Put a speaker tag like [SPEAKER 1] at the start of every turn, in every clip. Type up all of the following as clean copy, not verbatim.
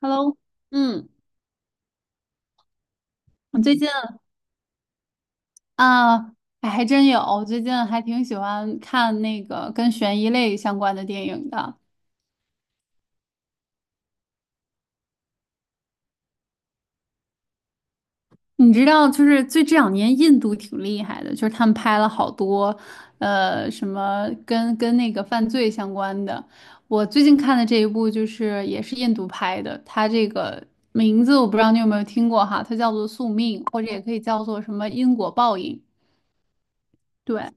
[SPEAKER 1] Hello，嗯，我最近啊，哎还真有，我最近还挺喜欢看那个跟悬疑类相关的电影的。你知道，就是最这两年印度挺厉害的，就是他们拍了好多，什么跟那个犯罪相关的。我最近看的这一部就是也是印度拍的，它这个名字我不知道你有没有听过哈，它叫做《宿命》，或者也可以叫做什么因果报应。对，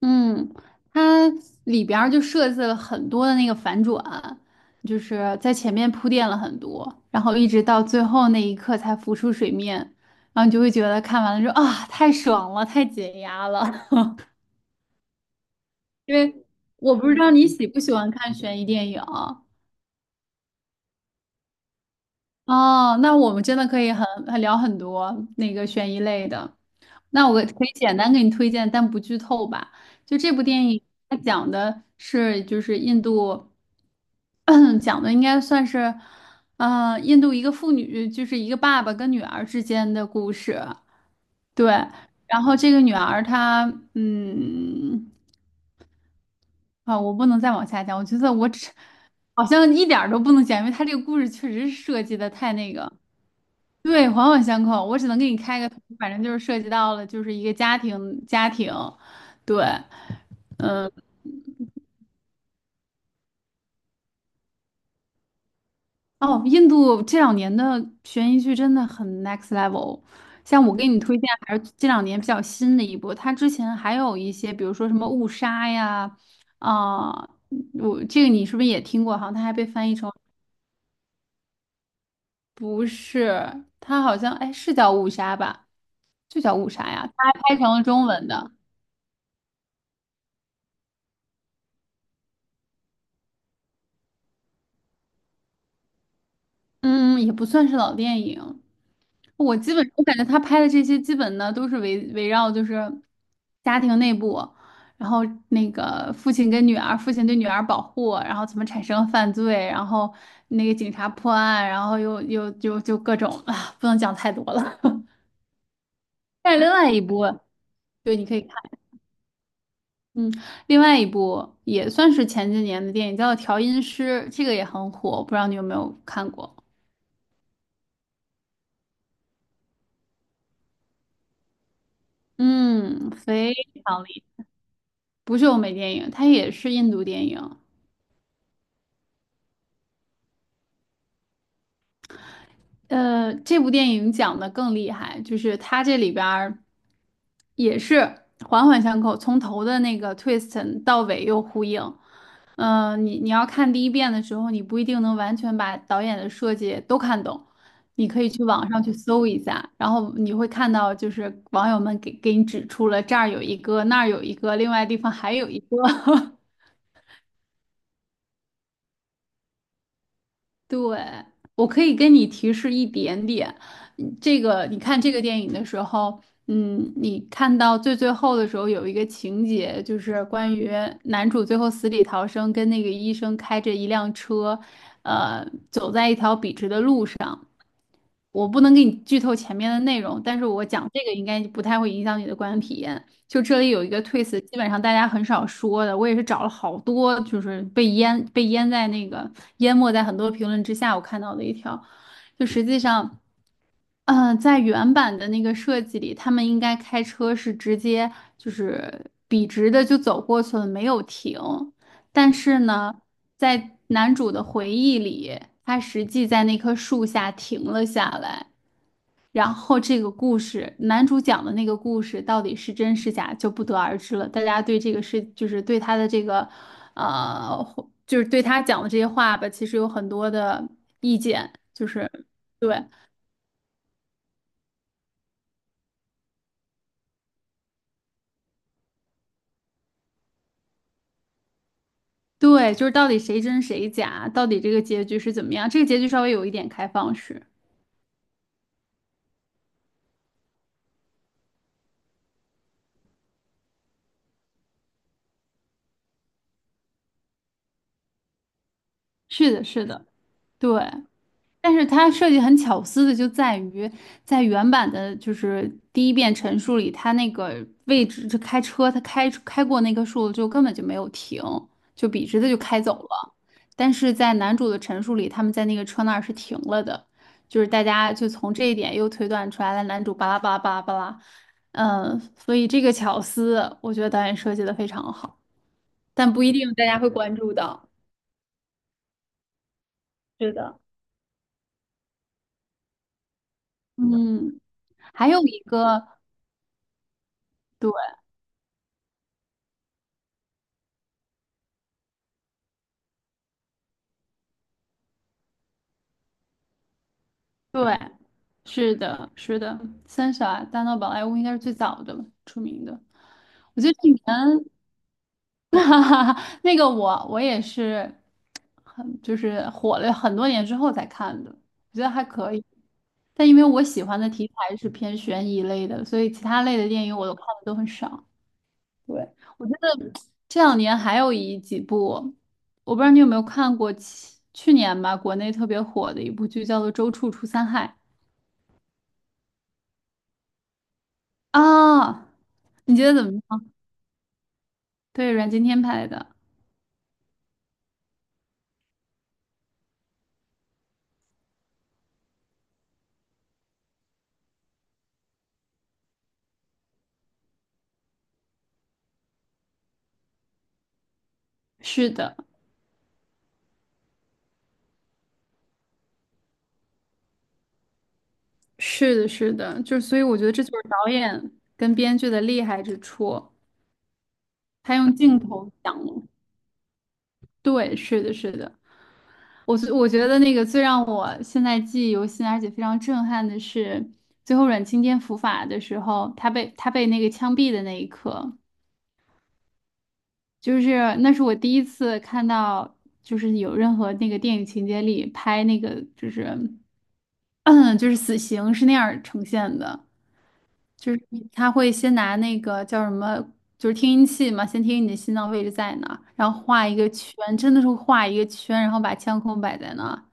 [SPEAKER 1] 嗯，它里边儿就设计了很多的那个反转，就是在前面铺垫了很多，然后一直到最后那一刻才浮出水面，然后你就会觉得看完了之后啊，太爽了，太解压了。因为我不知道你喜不喜欢看悬疑电影，哦，那我们真的可以很聊很多那个悬疑类的。那我可以简单给你推荐，但不剧透吧。就这部电影，它讲的是就是印度，讲的应该算是，印度一个妇女，就是一个爸爸跟女儿之间的故事。对，然后这个女儿她，嗯，啊，我不能再往下讲，我觉得我只好像一点儿都不能讲，因为她这个故事确实是设计的太那个。对，环环相扣。我只能给你开个头，反正就是涉及到了，就是一个家庭，家庭。对，哦，印度这两年的悬疑剧真的很 next level。像我给你推荐，还是这两年比较新的一部。它之前还有一些，比如说什么误杀呀，啊、我这个你是不是也听过？好像它还被翻译成不是，它好像哎是叫误杀吧，就叫误杀呀，它还拍成了中文的。嗯，也不算是老电影。我基本我感觉他拍的这些基本呢都是围绕就是家庭内部，然后那个父亲跟女儿，父亲对女儿保护，然后怎么产生犯罪，然后那个警察破案，然后又就各种啊，不能讲太多了。但是另外一部，对，你可以看，嗯，另外一部也算是前几年的电影，叫《调音师》，这个也很火，不知道你有没有看过？嗯，非常厉害，不是欧美电影，它也是印度电影。这部电影讲的更厉害，就是它这里边儿也是环环相扣，从头的那个 twist 到尾又呼应。你你要看第一遍的时候，你不一定能完全把导演的设计都看懂，你可以去网上去搜一下，然后你会看到就是网友们给你指出了这儿有一个，那儿有一个，另外地方还有一个。对，我可以跟你提示一点点。嗯这个你看这个电影的时候，嗯，你看到最后的时候有一个情节，就是关于男主最后死里逃生，跟那个医生开着一辆车，走在一条笔直的路上。我不能给你剧透前面的内容，但是我讲这个应该不太会影响你的观影体验。就这里有一个 twist，基本上大家很少说的，我也是找了好多，就是被淹在那个淹没在很多评论之下，我看到的一条，就实际上，嗯，在原版的那个设计里，他们应该开车是直接就是笔直的就走过去了，没有停。但是呢，在男主的回忆里，他实际在那棵树下停了下来。然后这个故事，男主讲的那个故事到底是真是假就不得而知了。大家对这个事，就是对他的这个，呃，就是对他讲的这些话吧，其实有很多的意见，就是对对，就是到底谁真谁假，到底这个结局是怎么样？这个结局稍微有一点开放式。是的，是的，对。但是它设计很巧思的就在于，在原版的就是第一遍陈述里，他那个位置就开车，他开过那棵树就根本就没有停，就笔直的就开走了。但是在男主的陈述里，他们在那个车那儿是停了的，就是大家就从这一点又推断出来了，男主巴拉巴拉巴拉巴拉，嗯，所以这个巧思，我觉得导演设计的非常好，但不一定大家会关注到。是的，嗯，还有一个。对。对，是的，是的，三傻大闹宝莱坞应该是最早的吧，出名的。我觉得去年，哈哈，那个我也是很就是火了很多年之后才看的，我觉得还可以。但因为我喜欢的题材是偏悬疑类的，所以其他类的电影我都看的都很少。对，我觉得这两年还有一几部，我不知道你有没有看过去，去年吧，国内特别火的一部剧叫做《周处除三害》。啊，你觉得怎么样？对，阮经天拍的，是的，是的，是的，就是所以我觉得这就是导演跟编剧的厉害之处，他用镜头讲了。对，是的，是的，我觉得那个最让我现在记忆犹新，而且非常震撼的是，最后阮经天伏法的时候，他被那个枪毙的那一刻，就是那是我第一次看到，就是有任何那个电影情节里拍那个就是。嗯，就是死刑是那样儿呈现的，就是他会先拿那个叫什么，就是听音器嘛，先听你的心脏位置在哪儿然后画一个圈，真的是画一个圈，然后把枪口摆在那儿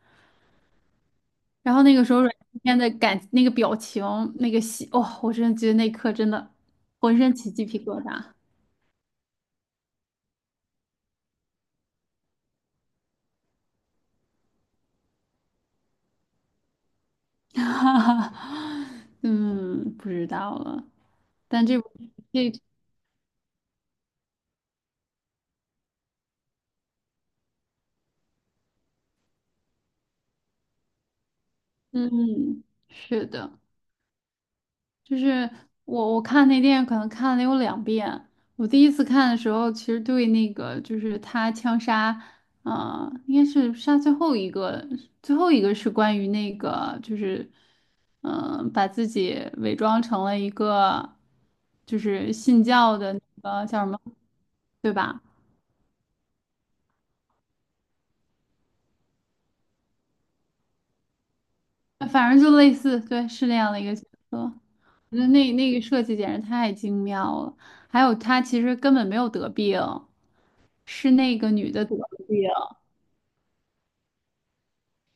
[SPEAKER 1] 然后那个时候阮经天那个表情，那个戏，哦，我真的觉得那一刻真的浑身起鸡皮疙瘩。哈哈，嗯，不知道了，但这部这嗯，是的。就是我看那电影可能看了有两遍。我第一次看的时候，其实对那个就是他枪杀，应该是杀最后一个，最后一个是关于那个就是嗯、把自己伪装成了一个就是信教的那个叫什么，对吧？反正就类似，对，是那样的一个角色。我觉得那个设计简直太精妙了，还有她其实根本没有得病，是那个女的得了病，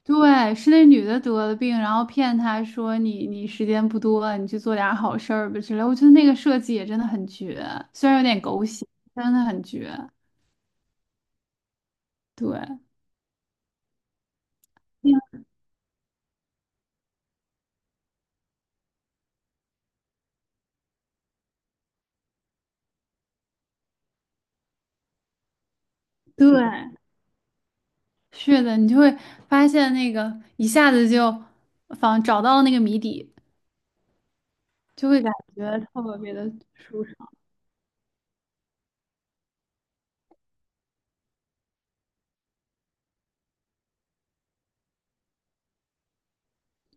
[SPEAKER 1] 对，是那女的得了病，然后骗她说你你时间不多了，你去做点儿好事儿吧之类。我觉得那个设计也真的很绝，虽然有点狗血，真的很绝。对，嗯对，是的，你就会发现那个一下子就仿找到了那个谜底，就会感觉特别的舒畅。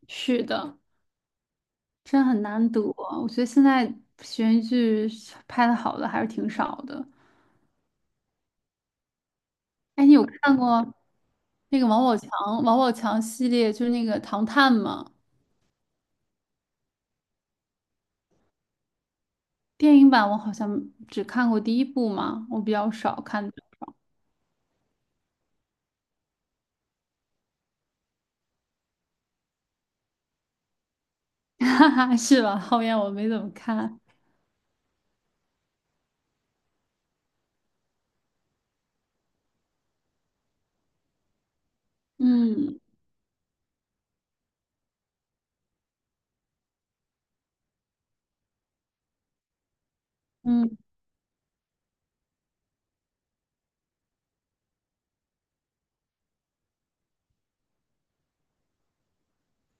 [SPEAKER 1] 是的。真很难得。我觉得现在悬疑剧拍的好的还是挺少的。哎，你有看过那个王宝强系列，就是那个《唐探》吗？电影版我好像只看过第一部嘛，我比较少看的 哈哈，是吧？后面我没怎么看。嗯嗯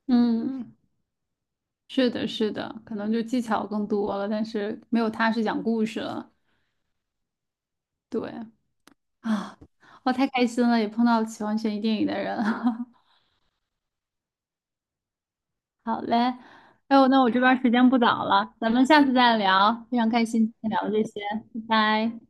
[SPEAKER 1] 嗯，是的，是的，可能就技巧更多了，但是没有他是讲故事了。对啊，啊我太开心了，也碰到喜欢悬疑电影的人。好嘞，哎呦，那我这边儿时间不早了，咱们下次再聊，非常开心今天聊的这些，拜拜。